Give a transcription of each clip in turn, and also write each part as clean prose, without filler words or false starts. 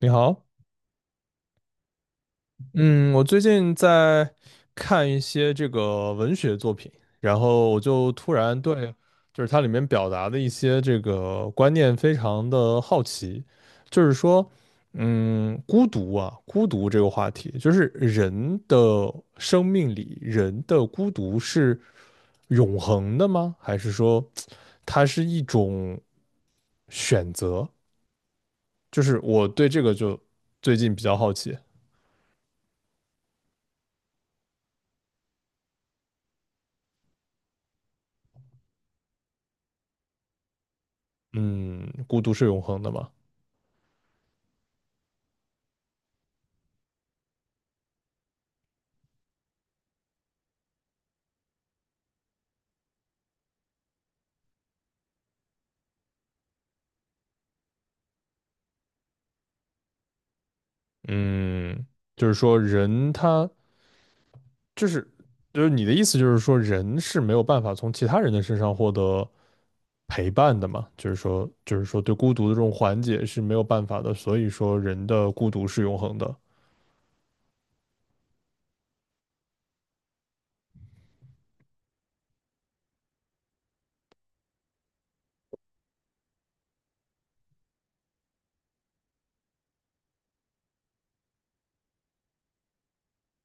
你好。嗯，我最近在看一些这个文学作品，然后我就突然对就是它里面表达的一些这个观念非常的好奇。就是说，孤独啊，孤独这个话题，就是人的生命里，人的孤独是永恒的吗？还是说它是一种选择？就是我对这个就最近比较好奇。嗯，孤独是永恒的吗？嗯，就是说人他就是就是你的意思就是说人是没有办法从其他人的身上获得陪伴的嘛？就是说对孤独的这种缓解是没有办法的，所以说人的孤独是永恒的。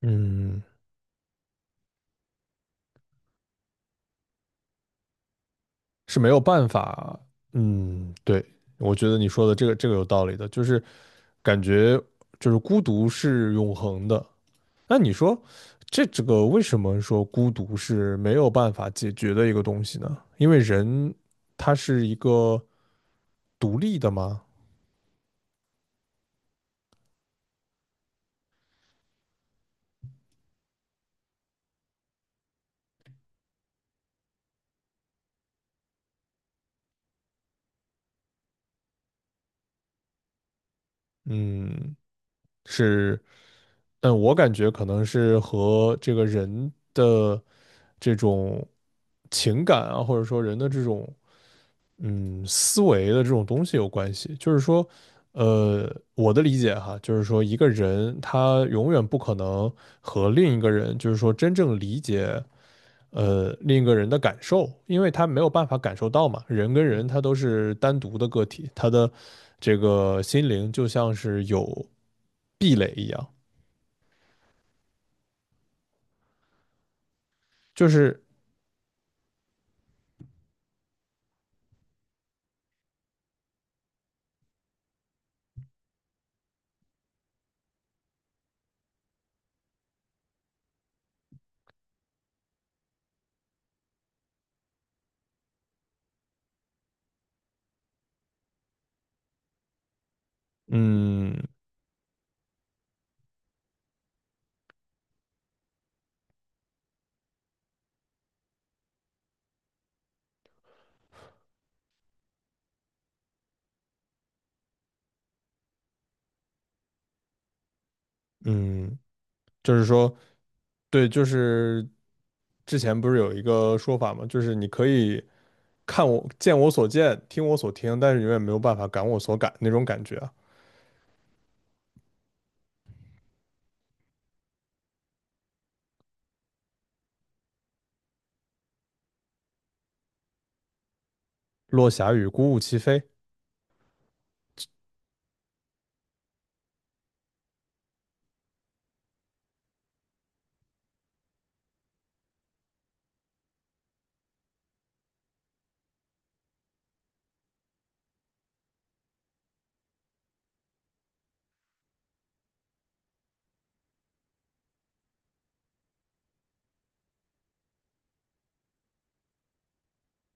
嗯，是没有办法。嗯，对，我觉得你说的这个有道理的，就是感觉就是孤独是永恒的。那你说这个为什么说孤独是没有办法解决的一个东西呢？因为人他是一个独立的嘛。嗯，是。嗯，我感觉可能是和这个人的这种情感啊，或者说人的这种思维的这种东西有关系。就是说，呃，我的理解哈，就是说一个人他永远不可能和另一个人，就是说真正理解。另一个人的感受，因为他没有办法感受到嘛，人跟人他都是单独的个体，他的这个心灵就像是有壁垒一样。就是嗯嗯，就是说，对，就是之前不是有一个说法嘛，就是你可以看我见我所见，听我所听，但是永远没有办法感我所感那种感觉啊。落霞与孤鹜齐飞。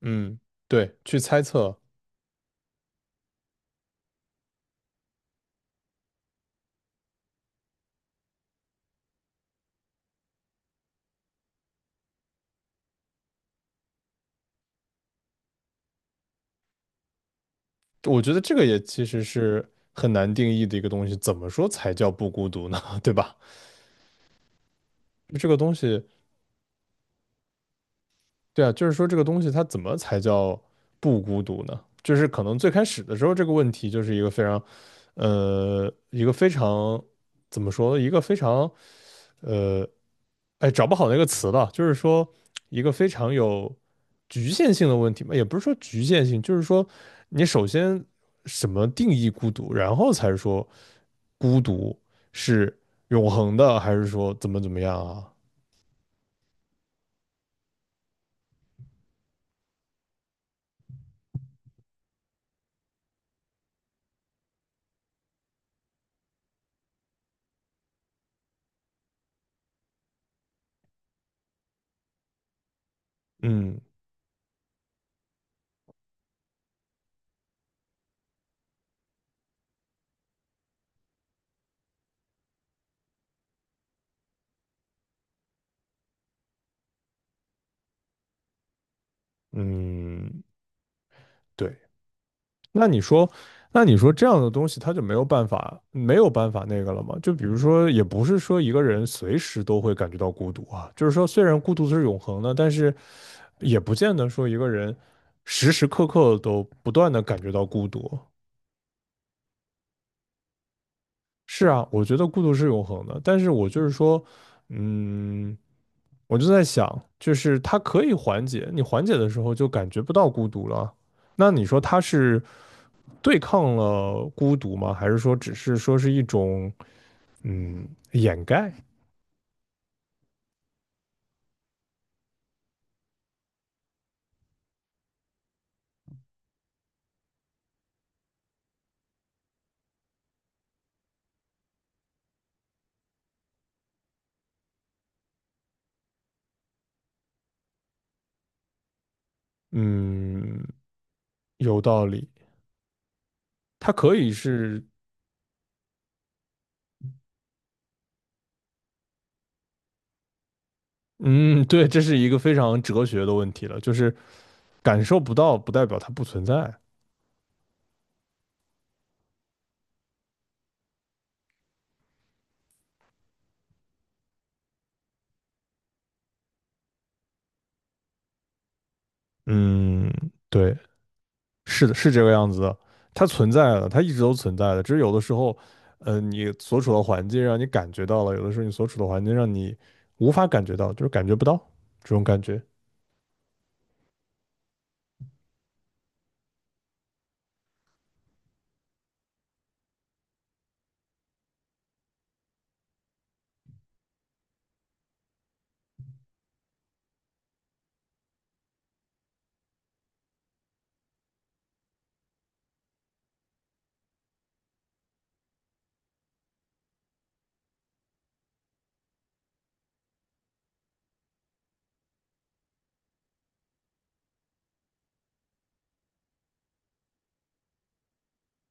嗯，对，去猜测。我觉得这个也其实是很难定义的一个东西，怎么说才叫不孤独呢？对吧？这个东西，对啊，就是说这个东西它怎么才叫不孤独呢？就是可能最开始的时候这个问题就是一个非常，一个非常怎么说，一个非常，呃，哎，找不好那个词了。就是说一个非常有局限性的问题嘛，也不是说局限性，就是说你首先什么定义孤独，然后才说孤独是永恒的，还是说怎么怎么样啊？嗯。嗯，对。那你说，那你说这样的东西，他就没有办法，没有办法那个了吗？就比如说，也不是说一个人随时都会感觉到孤独啊，就是说，虽然孤独是永恒的，但是也不见得说一个人时时刻刻都不断的感觉到孤独。是啊，我觉得孤独是永恒的，但是我就是说，嗯，我就在想，就是它可以缓解，你缓解的时候就感觉不到孤独了。那你说它是？对抗了孤独吗？还是说只是说是一种掩盖？嗯，有道理。它可以是嗯，对，这是一个非常哲学的问题了，就是感受不到不代表它不存在。嗯，对，是的，是这个样子的。它存在了，它一直都存在的，只是有的时候，你所处的环境让你感觉到了，有的时候你所处的环境让你无法感觉到，就是感觉不到这种感觉。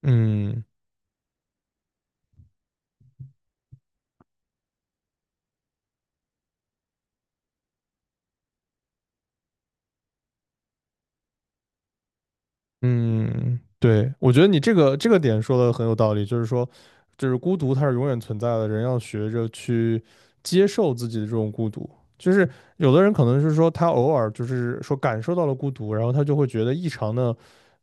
嗯。嗯，对，我觉得你这个点说的很有道理，就是说，就是孤独它是永远存在的，人要学着去接受自己的这种孤独。就是有的人可能是说他偶尔就是说感受到了孤独，然后他就会觉得异常的，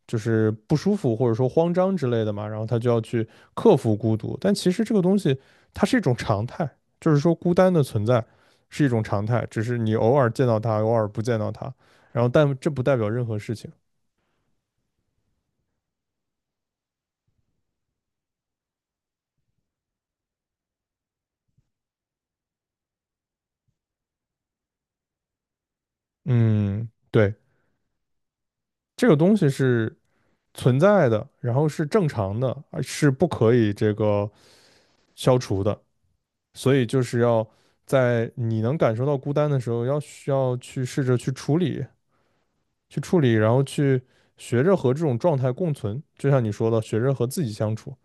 就是不舒服或者说慌张之类的嘛，然后他就要去克服孤独。但其实这个东西它是一种常态，就是说孤单的存在是一种常态，只是你偶尔见到他，偶尔不见到他，然后但这不代表任何事情。嗯，对。这个东西是存在的，然后是正常的，而是不可以这个消除的。所以就是要在你能感受到孤单的时候，要需要去试着去处理，去处理，然后去学着和这种状态共存。就像你说的，学着和自己相处。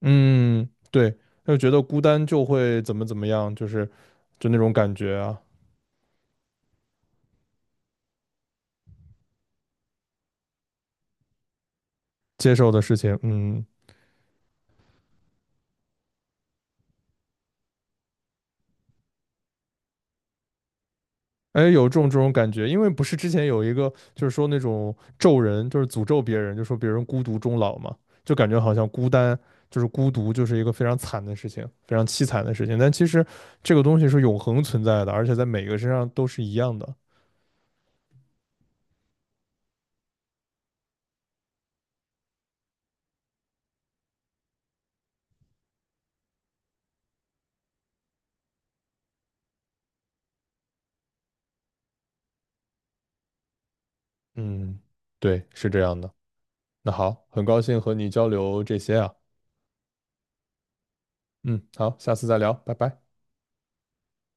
嗯，对，就觉得孤单就会怎么怎么样，就是就那种感觉啊。接受的事情，嗯。哎，有这种这种感觉，因为不是之前有一个就是说那种咒人，就是诅咒别人，就说别人孤独终老嘛，就感觉好像孤单就是孤独就是一个非常惨的事情，非常凄惨的事情。但其实这个东西是永恒存在的，而且在每个身上都是一样的。嗯，对，是这样的。那好，很高兴和你交流这些啊。嗯，好，下次再聊，拜拜。